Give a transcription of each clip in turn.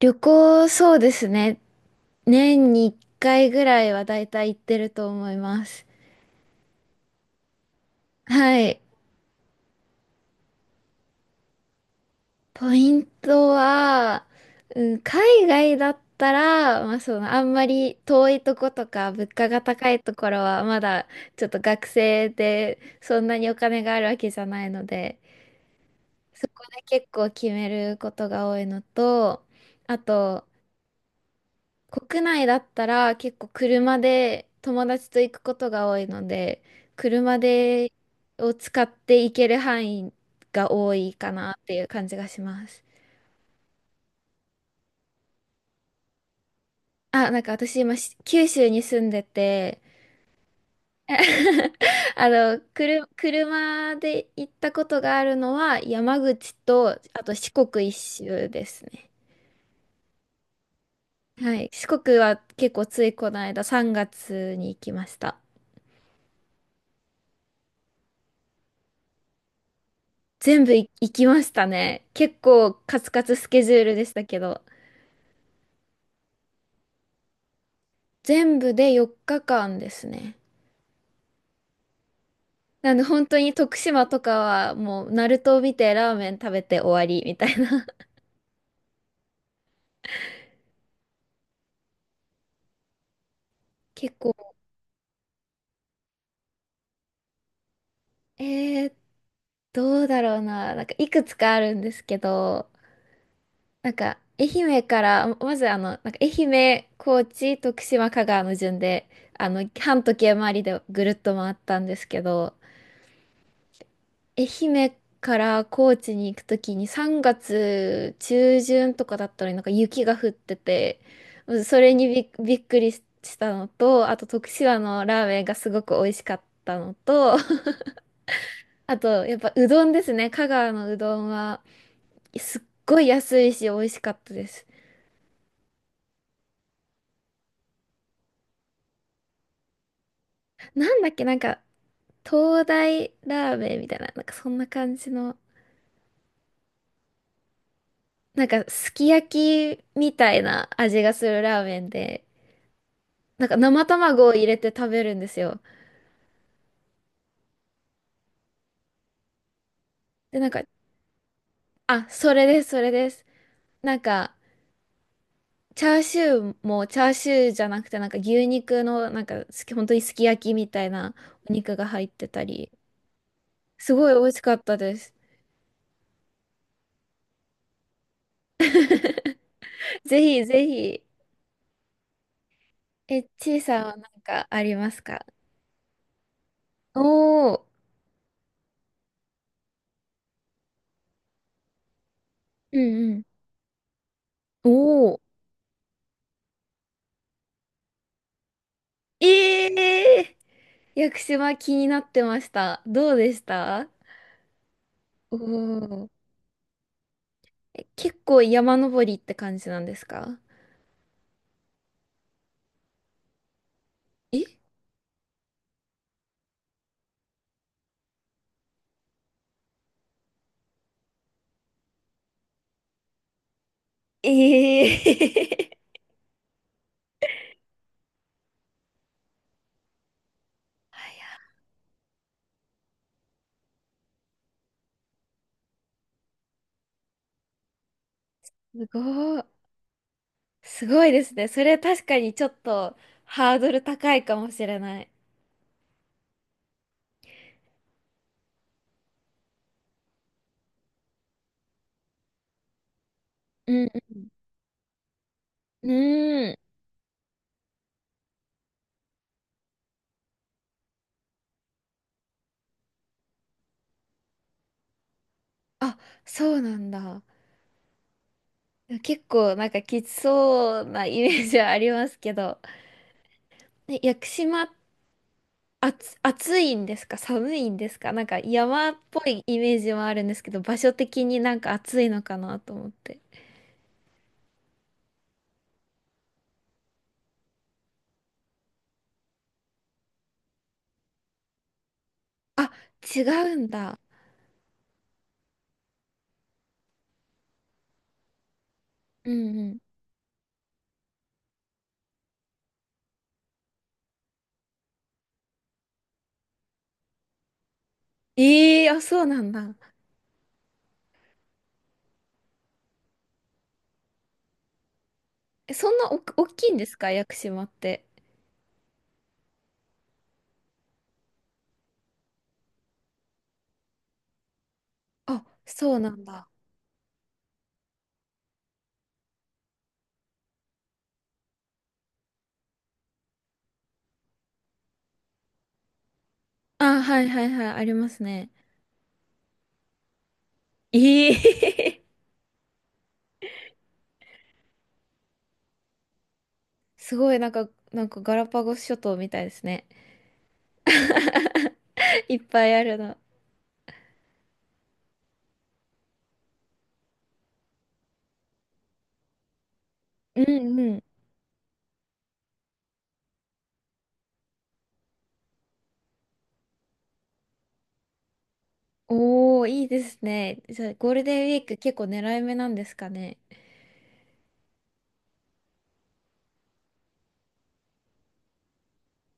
旅行、そうですね。年に1回ぐらいはだいたい行ってると思います。はい。ポイントは、うん、海外だったら、まあ、あんまり遠いとことか、物価が高いところは、まだちょっと学生で、そんなにお金があるわけじゃないので、そこで結構決めることが多いのと、あと、国内だったら結構車で友達と行くことが多いので、車でを使って行ける範囲が多いかなっていう感じがします。あ、なんか私今九州に住んでて、車で行ったことがあるのは山口と、あと四国一周ですね。はい。四国は結構ついこの間3月に行きました。全部行きましたね。結構カツカツスケジュールでしたけど、全部で4日間ですね。なんで本当に徳島とかはもうナルトを見てラーメン食べて終わりみたいな。結構、えー、どうだろうな。なんかいくつかあるんですけど、なんか愛媛から、ままず愛媛、高知、徳島、香川の順で、半時計回りでぐるっと回ったんですけど、愛媛から高知に行くときに3月中旬とかだったのになんか雪が降ってて、うん、それにびっくりしたのと、あと徳島のラーメンがすごく美味しかったのと、あとやっぱうどんですね。香川のうどんはすっごい安いし美味しかったです。なんだっけ、なんか東大ラーメンみたいな、なんかそんな感じの、なんかすき焼きみたいな味がするラーメンで、なんか生卵を入れて食べるんですよ。で、なんか、あ、それです、それです。なんか、チャーシューもチャーシューじゃなくて、なんか牛肉の、なんか、本当にすき焼きみたいなお肉が入ってたり、すごい美味しかったです。ぜひぜひ。え、ちいさんはなんかありますか？おー、うんうん。おー、えー、屋久島気になってました。どうでした？おー、え、結構山登りって感じなんですか？えええ。 すごい。すごいですね。それ確かにちょっとハードル高いかもしれない。うんうん。うーん。あ、そうなんだ。結構なんかきつそうなイメージはありますけど。ね、屋久島、暑いんですか、寒いんですか？なんか山っぽいイメージもあるんですけど、場所的になんか暑いのかなと思って。あ、違うんだ。うんうん。ええ。あ、そうなんだ。え、そんな大きいんですか、屋久島って？あ、そうなんだ。あ、はいはいはい、ありますね。ええ。 すごい、なんか、ガラパゴス諸島みたいですね。いっぱいあるの。うんうん。おー、いいですね。じゃあ、ゴールデンウィーク結構狙い目なんですかね。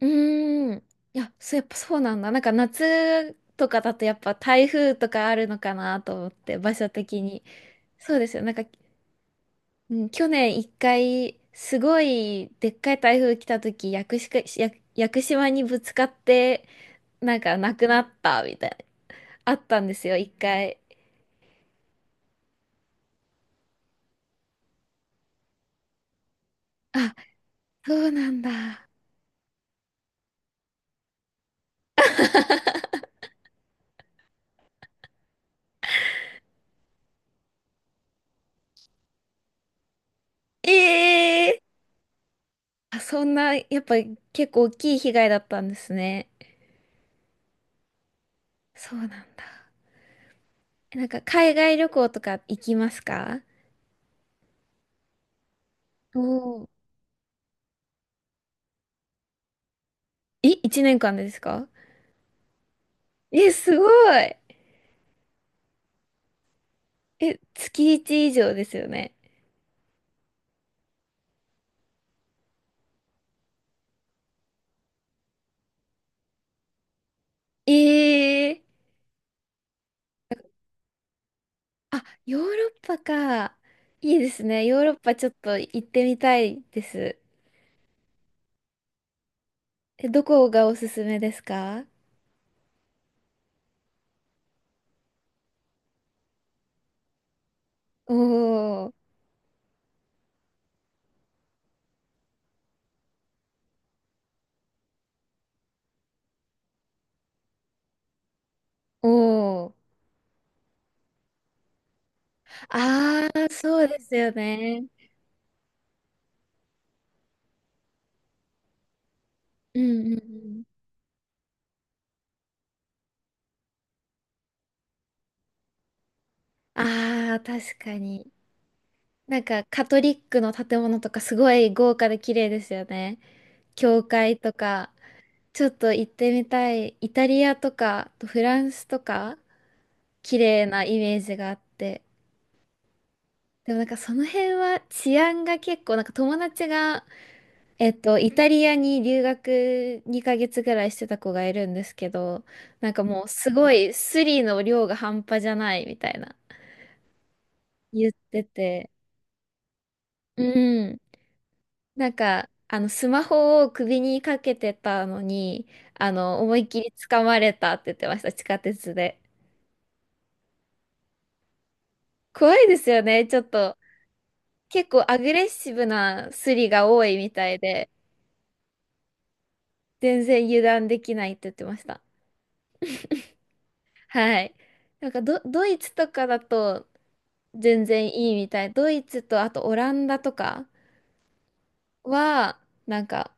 うーん。いや、そう、やっぱそうなんだ。なんか夏とかだとやっぱ台風とかあるのかなと思って、場所的に。そうですよ。なんかうん、去年一回、すごいでっかい台風来た時、屋久島、屋屋久島にぶつかって、なんか亡くなったみたいな、あったんですよ、一回。あ、そうなんだ。ええ。あ、そんな、やっぱ結構大きい被害だったんですね。そうなんだ。なんか海外旅行とか行きますか？おおー。え、1年間でですか？え、すごい。え、月1以上ですよね。ええ。あ、ヨーロッパか。いいですね。ヨーロッパちょっと行ってみたいです。え、どこがおすすめですか？おー、おー。あー、そうですよね。うんうんうん。あー、確かに。なんか、カトリックの建物とかすごい豪華で綺麗ですよね。教会とか。ちょっと行ってみたい。イタリアとか、あとフランスとか、綺麗なイメージがあって。でもなんかその辺は治安が結構なんか友達が、イタリアに留学2ヶ月ぐらいしてた子がいるんですけど、なんかもうすごいスリの量が半端じゃないみたいな言ってて、うん。なんかあのスマホを首にかけてたのに、思いっきり掴まれたって言ってました、地下鉄で。怖いですよね、ちょっと。結構アグレッシブなスリが多いみたいで、全然油断できないって言ってました。はい。なんかドイツとかだと全然いいみたい。ドイツとあとオランダとかは、なんか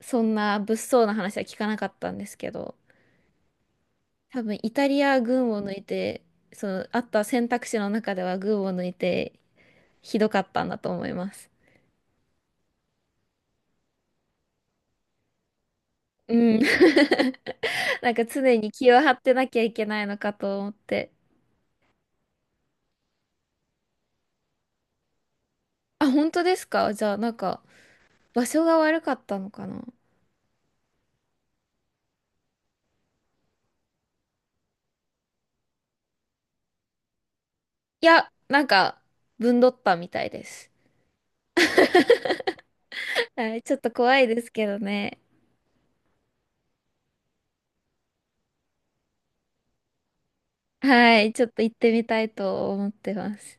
そんな物騒な話は聞かなかったんですけど、多分イタリア群を抜いて、そのあった選択肢の中では群を抜いてひどかったんだと思います。うん。なんか常に気を張ってなきゃいけないのかと思って。あ、本当ですか？じゃあなんか場所が悪かったのかな？いや、なんかぶんどったみたいです。はい、ちょっと怖いですけどね。はい、ちょっと行ってみたいと思ってます。